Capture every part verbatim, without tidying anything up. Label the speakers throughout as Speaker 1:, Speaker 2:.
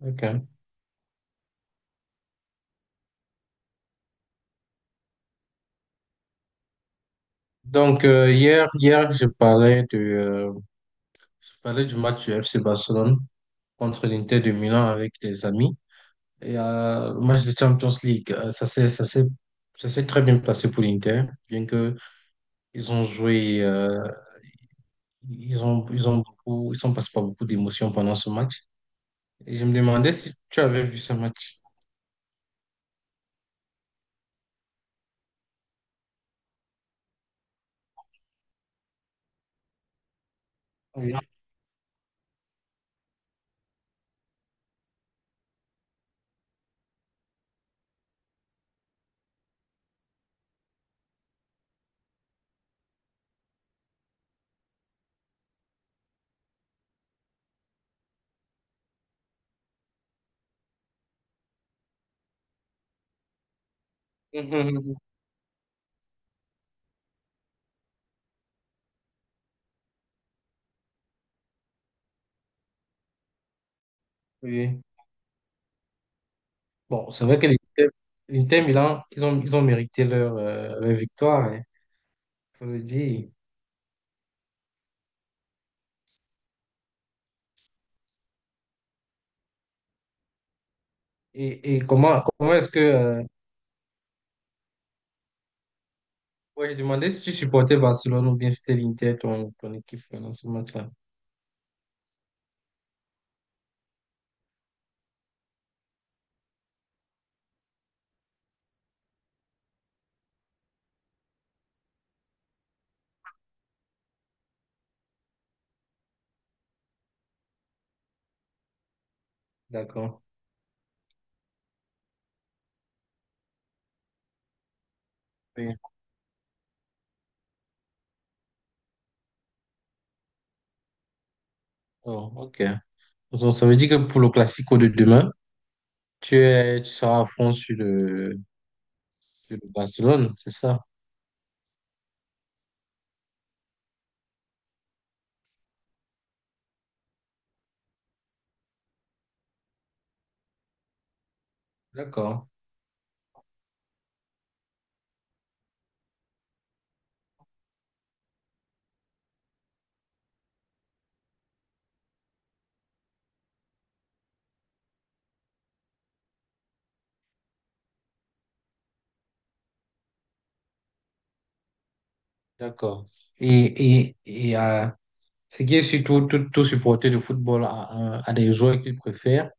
Speaker 1: Ok. Donc euh, hier, hier, je parlais de, euh, je parlais du match du F C Barcelone contre l'Inter de Milan avec des amis. Et euh, le match de Champions League, euh, ça s'est, ça s'est, ça s'est très bien passé pour l'Inter, bien que ils ont joué, euh, ils ont, ils ont beaucoup, ils sont passés par beaucoup d'émotions pendant ce match. Et je me demandais si tu avais vu ce match. Oui. Mhm. Oui. Bon, c'est vrai que l'Inter, l'Inter Milan, ils ont, ils ont mérité leur, euh, leur victoire, il faut le dire. Et, et comment, comment est-ce que... euh, ouais, je demandais si tu supportais Barcelone ou bien si c'était l'Inter, ton, ton équipe euh, dans ce match-là. D'accord. Oui. Oh, ok. Donc, ça veut dire que pour le Classico de demain, tu es, tu seras à fond sur le, sur le Barcelone, c'est ça? D'accord, d'accord. Et, et, et euh, ce qui est surtout tout, tout supporter de football à, à des joueurs qu'ils préfèrent.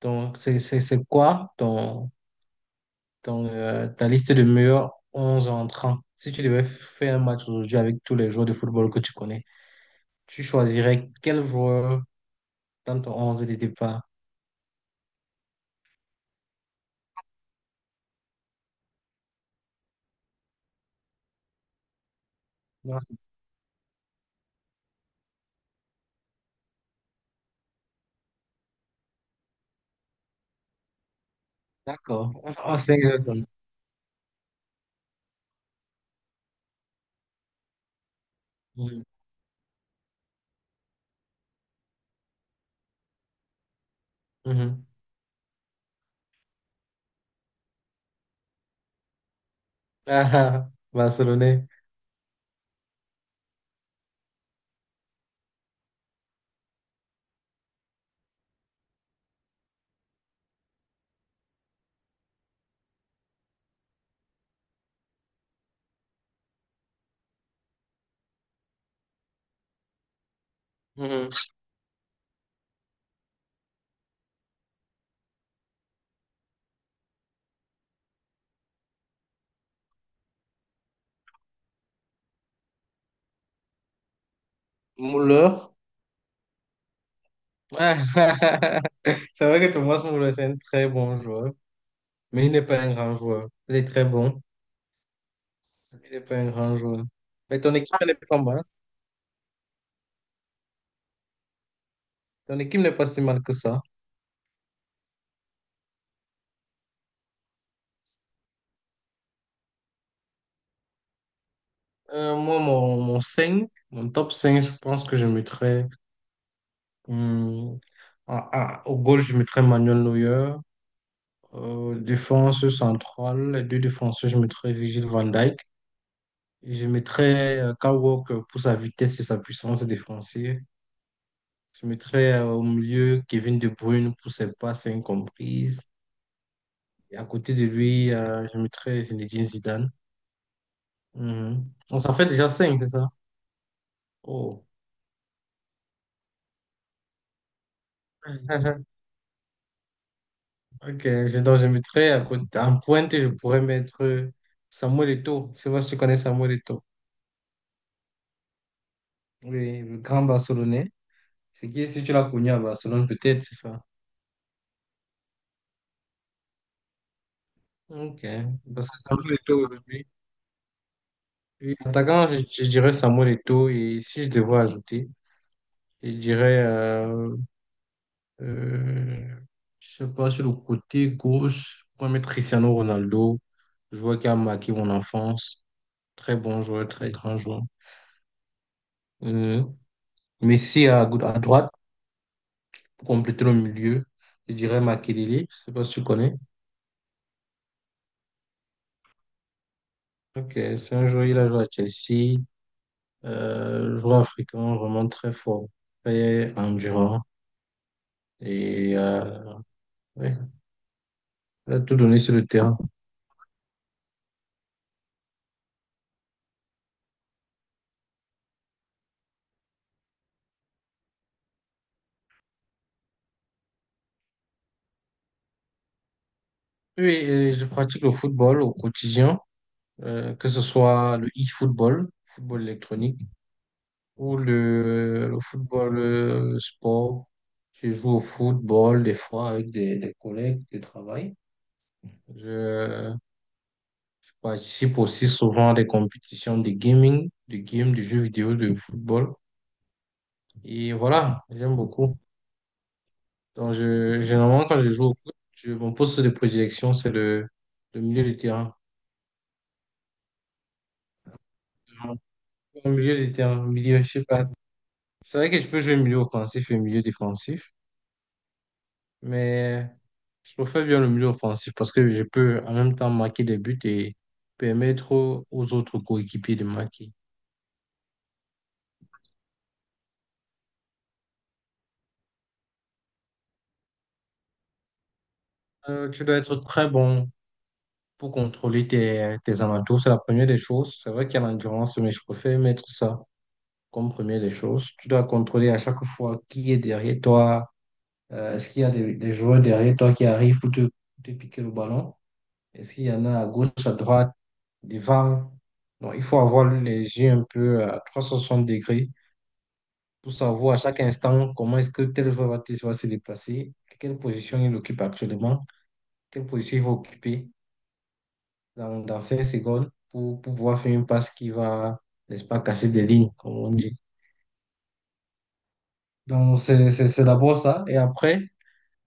Speaker 1: Donc, c'est c'est- c'est quoi ton, dans euh, ta liste de meilleurs onze entrants, si tu devais faire un match aujourd'hui avec tous les joueurs de football que tu connais, tu choisirais quel joueur dans ton onze de départ? Non, d'accord. Oh, c'est Gerson. Mhm. Mhm. Ah, ah, Barcelonais. Mhm. Müller. Ah, ah, ah. C'est vrai que Thomas Müller, c'est un très bon joueur, mais il n'est pas un grand joueur. Il est très bon, mais il n'est pas un grand joueur. Mais ton équipe, elle est pas mal. Ton équipe n'est pas si mal que ça. Euh, moi, mon, mon cinq mon top cinq je pense que je mettrais hum, à- à- au goal, je mettrais Manuel Neuer. Euh, défense centrale, les deux défenseurs, je mettrais Virgil van Dijk. Et je mettrais euh, Kyle Walker pour sa vitesse et sa puissance défensive. Je mettrais euh, au milieu Kevin De Bruyne pour ses passes incomprises. Et à côté de lui, euh, je mettrais Zinedine Zidane. Mhm. On s'en fait déjà cinq c'est ça? Oh. Ok, je- donc je mettrais à côté, en pointe, je pourrais mettre euh, Samuel Eto'o. C'est sais si tu connais Samuel Eto'o, oui, le grand Barcelonais. C'est qui, si tu l'as connu à Barcelone, peut-être, c'est ça. Ok, parce que Samuel Eto'o aujourd'hui. Oui, attaquant, je, je dirais Samuel Eto'o. Et si je devais ajouter, je dirais, euh, euh, je sais pas, sur le côté gauche, je pourrais mettre Cristiano Ronaldo, joueur qui a marqué mon enfance. Très bon joueur, très grand joueur. Euh, Messi à, gau- à droite. Pour compléter le milieu, je dirais Makelele, je sais pas si tu connais. Ok, c'est un joueur, il a joué à Chelsea, euh, joueur africain vraiment très fort, très endurant et euh, ouais, il a tout donné sur le terrain. Oui, et je pratique le football au quotidien, euh, que ce soit le e-football, football électronique, ou le, le football le sport. Je joue au football des fois avec des, des collègues de travail. Je participe aussi souvent à des compétitions de gaming, de games, de jeux vidéo, de football. Et voilà, j'aime beaucoup. Donc, je, généralement, quand je joue au foot, je, mon poste de prédilection, c'est le, le milieu de terrain. Au milieu de terrain, milieu, je sais pas. C'est vrai que je peux jouer milieu offensif et milieu défensif. Mais je préfère bien le milieu offensif parce que je peux en même temps marquer des buts et permettre aux aux autres coéquipiers de marquer. Euh, tu dois être très bon pour contrôler tes, tes alentours. C'est la première des choses. C'est vrai qu'il y a l'endurance, mais je préfère mettre ça comme première des choses. Tu dois contrôler à chaque fois qui est derrière toi. Euh, est-ce qu'il y a des, des joueurs derrière toi qui arrivent pour te, te piquer le ballon? Est-ce qu'il y en a à gauche, à droite, devant? Donc, il faut avoir les yeux un peu à trois cent soixante degrés pour savoir à chaque instant comment est-ce que tel joueur va t- va se déplacer, quelle position il occupe actuellement, quelle position il va occuper dans, dans cinq secondes pour, pour pouvoir faire une passe qui va, n'est-ce pas, casser des lignes, comme on dit. Donc, c'est c'est- c'est d'abord ça. Et après,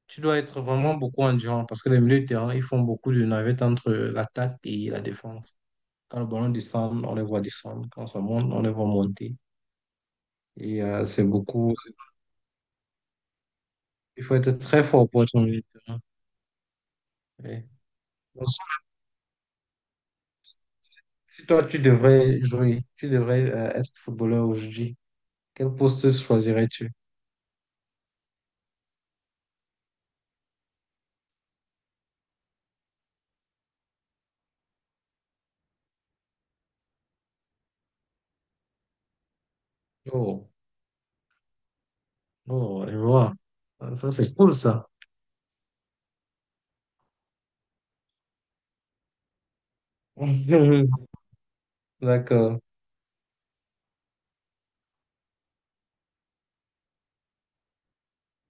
Speaker 1: tu dois être vraiment beaucoup endurant parce que les milieux de terrain, ils font beaucoup de navettes entre l'attaque et la défense. Quand le ballon descend, on les voit descendre. Quand ça monte, on les voit monter. Et euh, c'est beaucoup. Il faut être très fort pour être au milieu de terrain. Ouais. Si toi, tu devrais jouer, tu devrais euh, être footballeur aujourd'hui, quel poste choisirais-tu? Oh, oh, je vois. Ah, ça, c'est cool, ça. D'accord.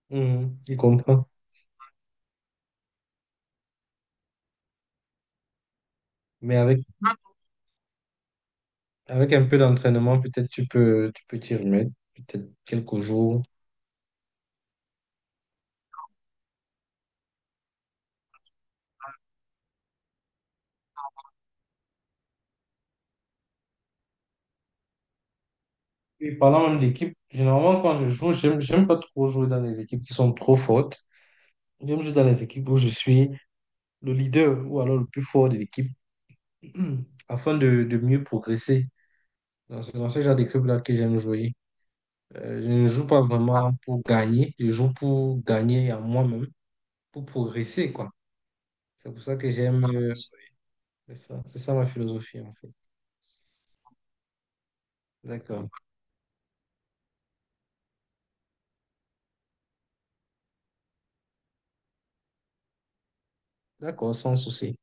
Speaker 1: Mhm, il comprend. Mais avec, avec un peu d'entraînement, peut-être tu peux, tu peux t'y remettre, peut-être quelques jours. Et parlant même d'équipe, généralement, quand je joue, j'aime, j'aime pas trop jouer dans les équipes qui sont trop fortes. J'aime jouer dans les équipes où je suis le leader ou alors le plus fort de l'équipe afin de, de mieux progresser. Donc, c'est dans ce genre de club-là que j'aime jouer. Euh, je ne joue pas vraiment pour gagner, je joue pour gagner à moi-même, pour progresser, quoi. C'est pour ça que j'aime. euh, c'est ça, c'est ça ma philosophie, en fait. D'accord. D'accord, sans souci.